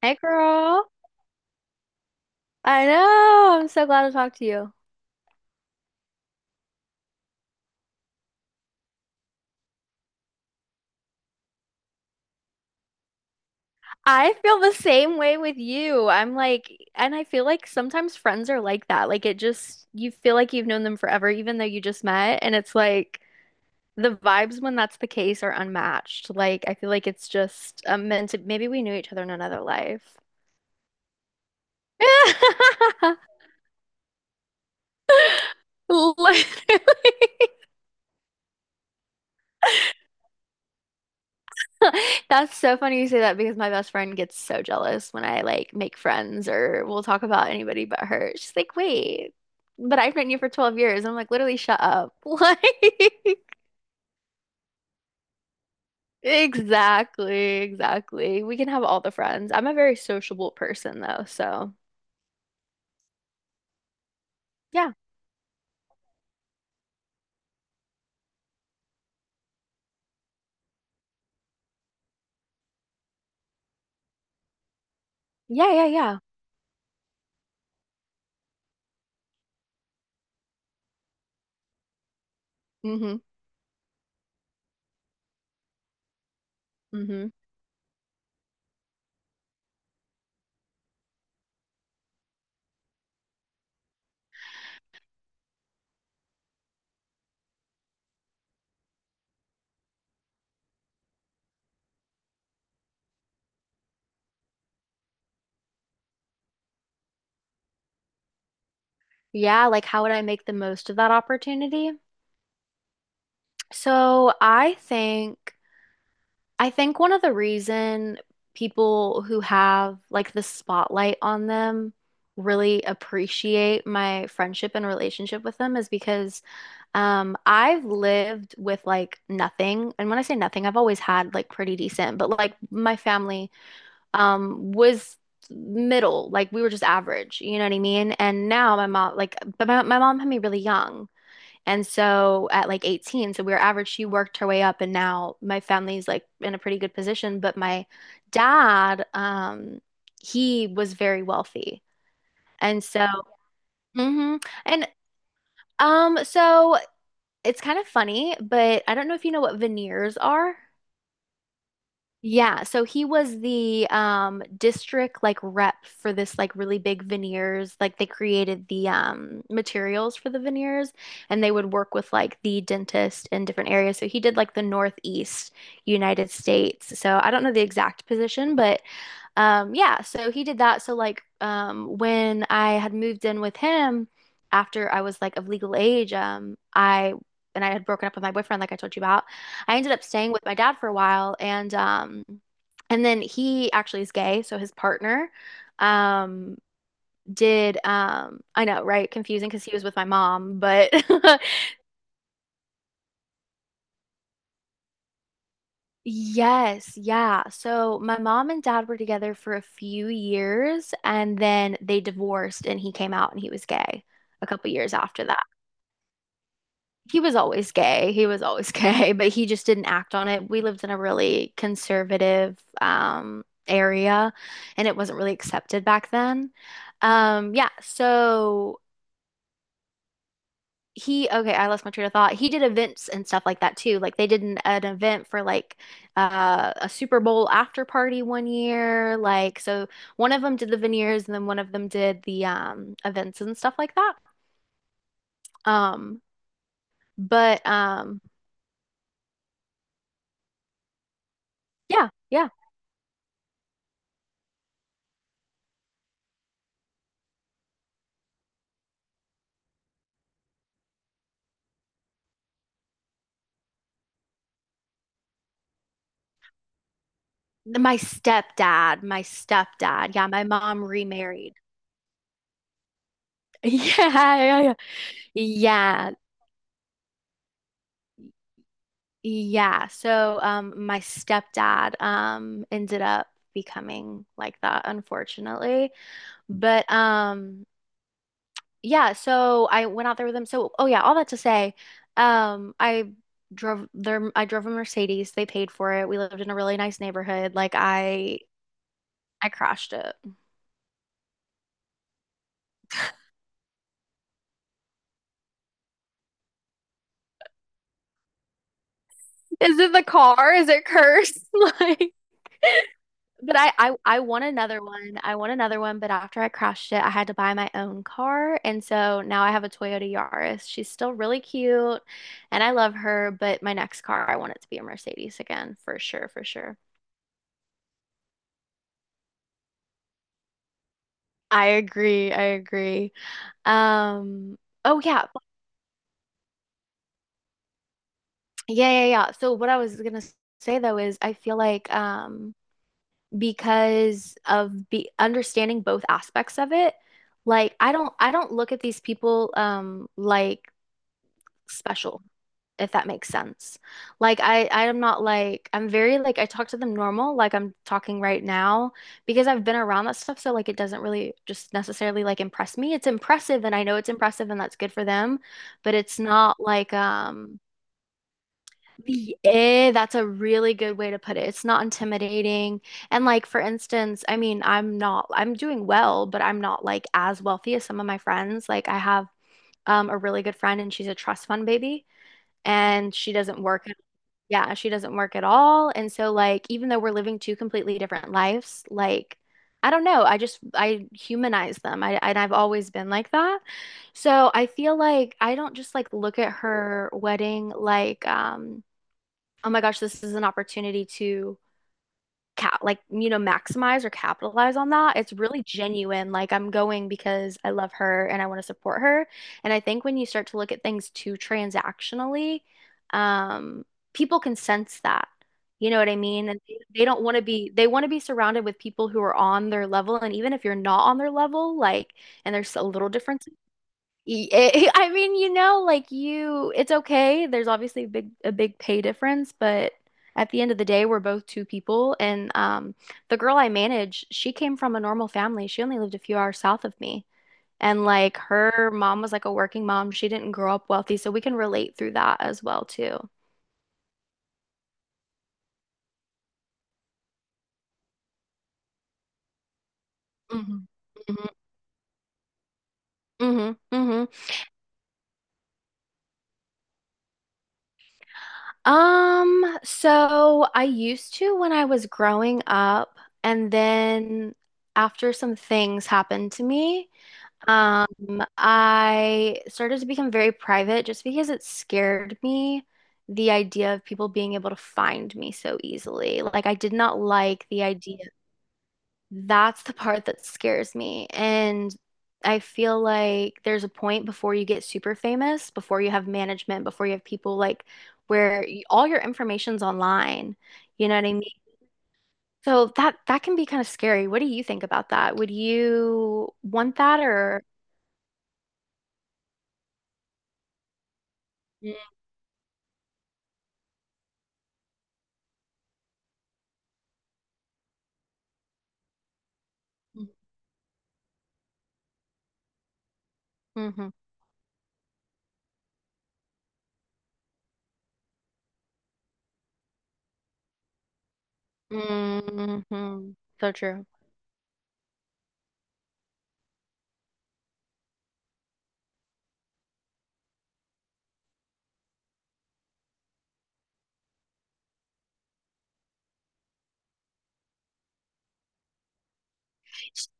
Hey girl. I know, I'm so glad to talk to you. I feel the same way with you. I'm like, and I feel like sometimes friends are like that. Like it just, you feel like you've known them forever, even though you just met. And it's like the vibes when that's the case are unmatched. Like I feel like it's just meant to, maybe we knew each other in another life. Literally. That's so funny you say that because my best friend gets so jealous when I like make friends or we'll talk about anybody but her. She's like, wait, but I've known you for 12 years. I'm like, literally, shut up. Like, exactly, exactly. We can have all the friends. I'm a very sociable person though. So, yeah, yeah, yeah, yeah. Mm-hmm. Mm-hmm. Yeah, like how would I make the most of that opportunity? So, I think. I think one of the reason people who have like the spotlight on them really appreciate my friendship and relationship with them is because I've lived with like nothing. And when I say nothing, I've always had like pretty decent, but like my family was middle, like we were just average, you know what I mean? And now my mom like but my mom had me really young. And so at like 18, so we were average, she worked her way up and now my family's like in a pretty good position. But my dad, he was very wealthy. And so, hmm. And so it's kind of funny, but I don't know if you know what veneers are. Yeah, so he was the district like rep for this like really big veneers. Like they created the materials for the veneers and they would work with like the dentist in different areas. So he did like the Northeast United States. So I don't know the exact position, but yeah, so he did that. So like when I had moved in with him after I was like of legal age, I and I had broken up with my boyfriend, like I told you about, I ended up staying with my dad for a while and then he actually is gay, so his partner um did I know, right? Confusing because he was with my mom, but Yes, yeah. So my mom and dad were together for a few years and then they divorced and he came out and he was gay a couple years after that. He was always gay. He was always gay, but he just didn't act on it. We lived in a really conservative area and it wasn't really accepted back then. Yeah, so he okay, I lost my train of thought. He did events and stuff like that too. Like they did an event for like a Super Bowl after party one year. Like so one of them did the veneers and then one of them did the events and stuff like that. Um but yeah, yeah. My stepdad, my stepdad. Yeah, my mom remarried. Yeah, yeah, yeah. Yeah. Yeah. So my stepdad ended up becoming like that, unfortunately. But yeah, so I went out there with them. So oh yeah, all that to say, I drove their I drove a Mercedes. They paid for it. We lived in a really nice neighborhood. Like I crashed it. Is it the car? Is it cursed? Like, but I want another one. I want another one, but after I crashed it, I had to buy my own car. And so now I have a Toyota Yaris. She's still really cute and I love her, but my next car, I want it to be a Mercedes again, for sure, for sure. I agree. I agree. Um, oh yeah. Yeah, yeah, yeah. So what I was gonna say though is I feel like because of be understanding both aspects of it, like I don't look at these people like special. If that makes sense. Like I'm not like I'm very like I talk to them normal like I'm talking right now because I've been around that stuff so like it doesn't really just necessarily like impress me. It's impressive and I know it's impressive and that's good for them, but it's not like the that's a really good way to put it. It's not intimidating. And like for instance, I mean, I'm not I'm doing well, but I'm not like as wealthy as some of my friends. Like I have a really good friend and she's a trust fund baby and she doesn't work, yeah, she doesn't work at all. And so like even though we're living two completely different lives, like I don't know, I just I humanize them. I've always been like that. So I feel like I don't just like look at her wedding like oh my gosh, this is an opportunity to cap like, you know, maximize or capitalize on that. It's really genuine, like I'm going because I love her and I want to support her. And I think when you start to look at things too transactionally, um people can sense that, you know what I mean, and they don't want to be, they want to be surrounded with people who are on their level. And even if you're not on their level, like, and there's a little difference. I mean, you know, like you, it's okay. There's obviously a big pay difference, but at the end of the day, we're both two people. And the girl I manage, she came from a normal family. She only lived a few hours south of me. And like her mom was like a working mom. She didn't grow up wealthy, so we can relate through that as well too. Hmm, hmm, hmm, hmm. So I used to when I was growing up, and then after some things happened to me. I started to become very private just because it scared me the idea of people being able to find me so easily. Like I did not like the idea. That's the part that scares me. And I feel like there's a point before you get super famous, before you have management, before you have people like where all your information's online. You know what I mean? So that that can be kind of scary. What do you think about that? Would you want that or Mhm. Hmm. So true.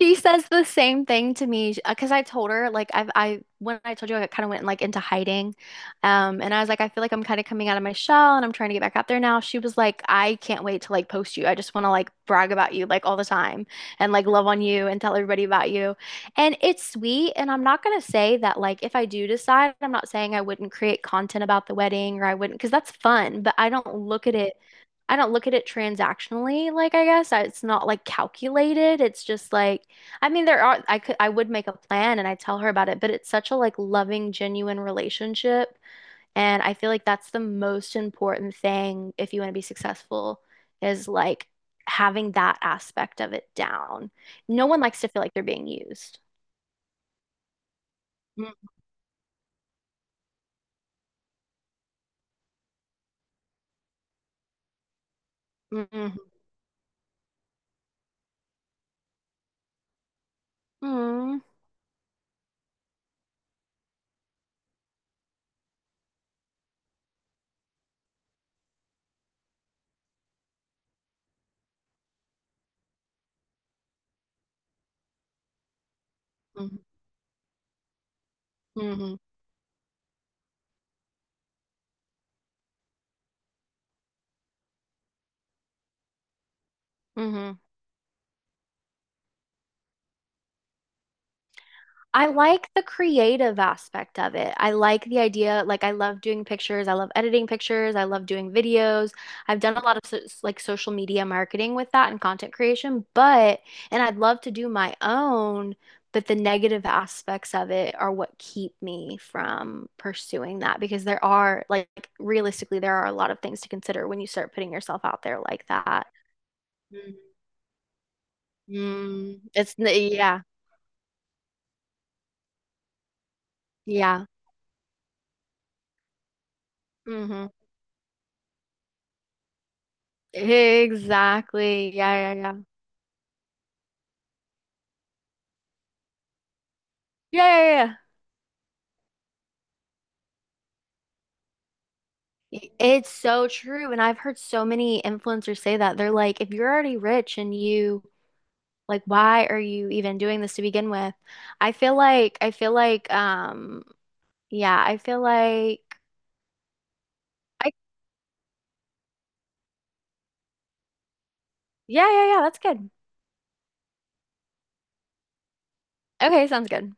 She says the same thing to me because I told her like I've I when I told you I kind of went like into hiding, and I was like I feel like I'm kind of coming out of my shell and I'm trying to get back out there now. She was like I can't wait to like post you. I just want to like brag about you like all the time and like love on you and tell everybody about you. And it's sweet. And I'm not gonna say that like if I do decide, I'm not saying I wouldn't create content about the wedding or I wouldn't because that's fun. But I don't look at it. I don't look at it transactionally, like it's not like calculated. It's just like, I mean, there are, I could, I would make a plan and I tell her about it, but it's such a like loving, genuine relationship. And I feel like that's the most important thing if you want to be successful is like having that aspect of it down. No one likes to feel like they're being used. Mm-hmm. Mm-hmm. Mm-hmm. Mm-hmm. I like the creative aspect of it. I like the idea. Like, I love doing pictures. I love editing pictures. I love doing videos. I've done a lot of like social media marketing with that and content creation, but, and I'd love to do my own, but the negative aspects of it are what keep me from pursuing that because there are, like, realistically, there are a lot of things to consider when you start putting yourself out there like that. Mm, yeah, yeah. Hmm. Exactly. Yeah, yeah, yeah. Yeah, yeah, yeah. It's so true. And I've heard so many influencers say that. They're like, if you're already rich and you like, why are you even doing this to begin with? I feel like, I feel like, um, yeah, I feel like I, yeah, yeah, yeah, that's good. Okay, sounds good.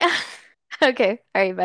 Okay. All right, bye.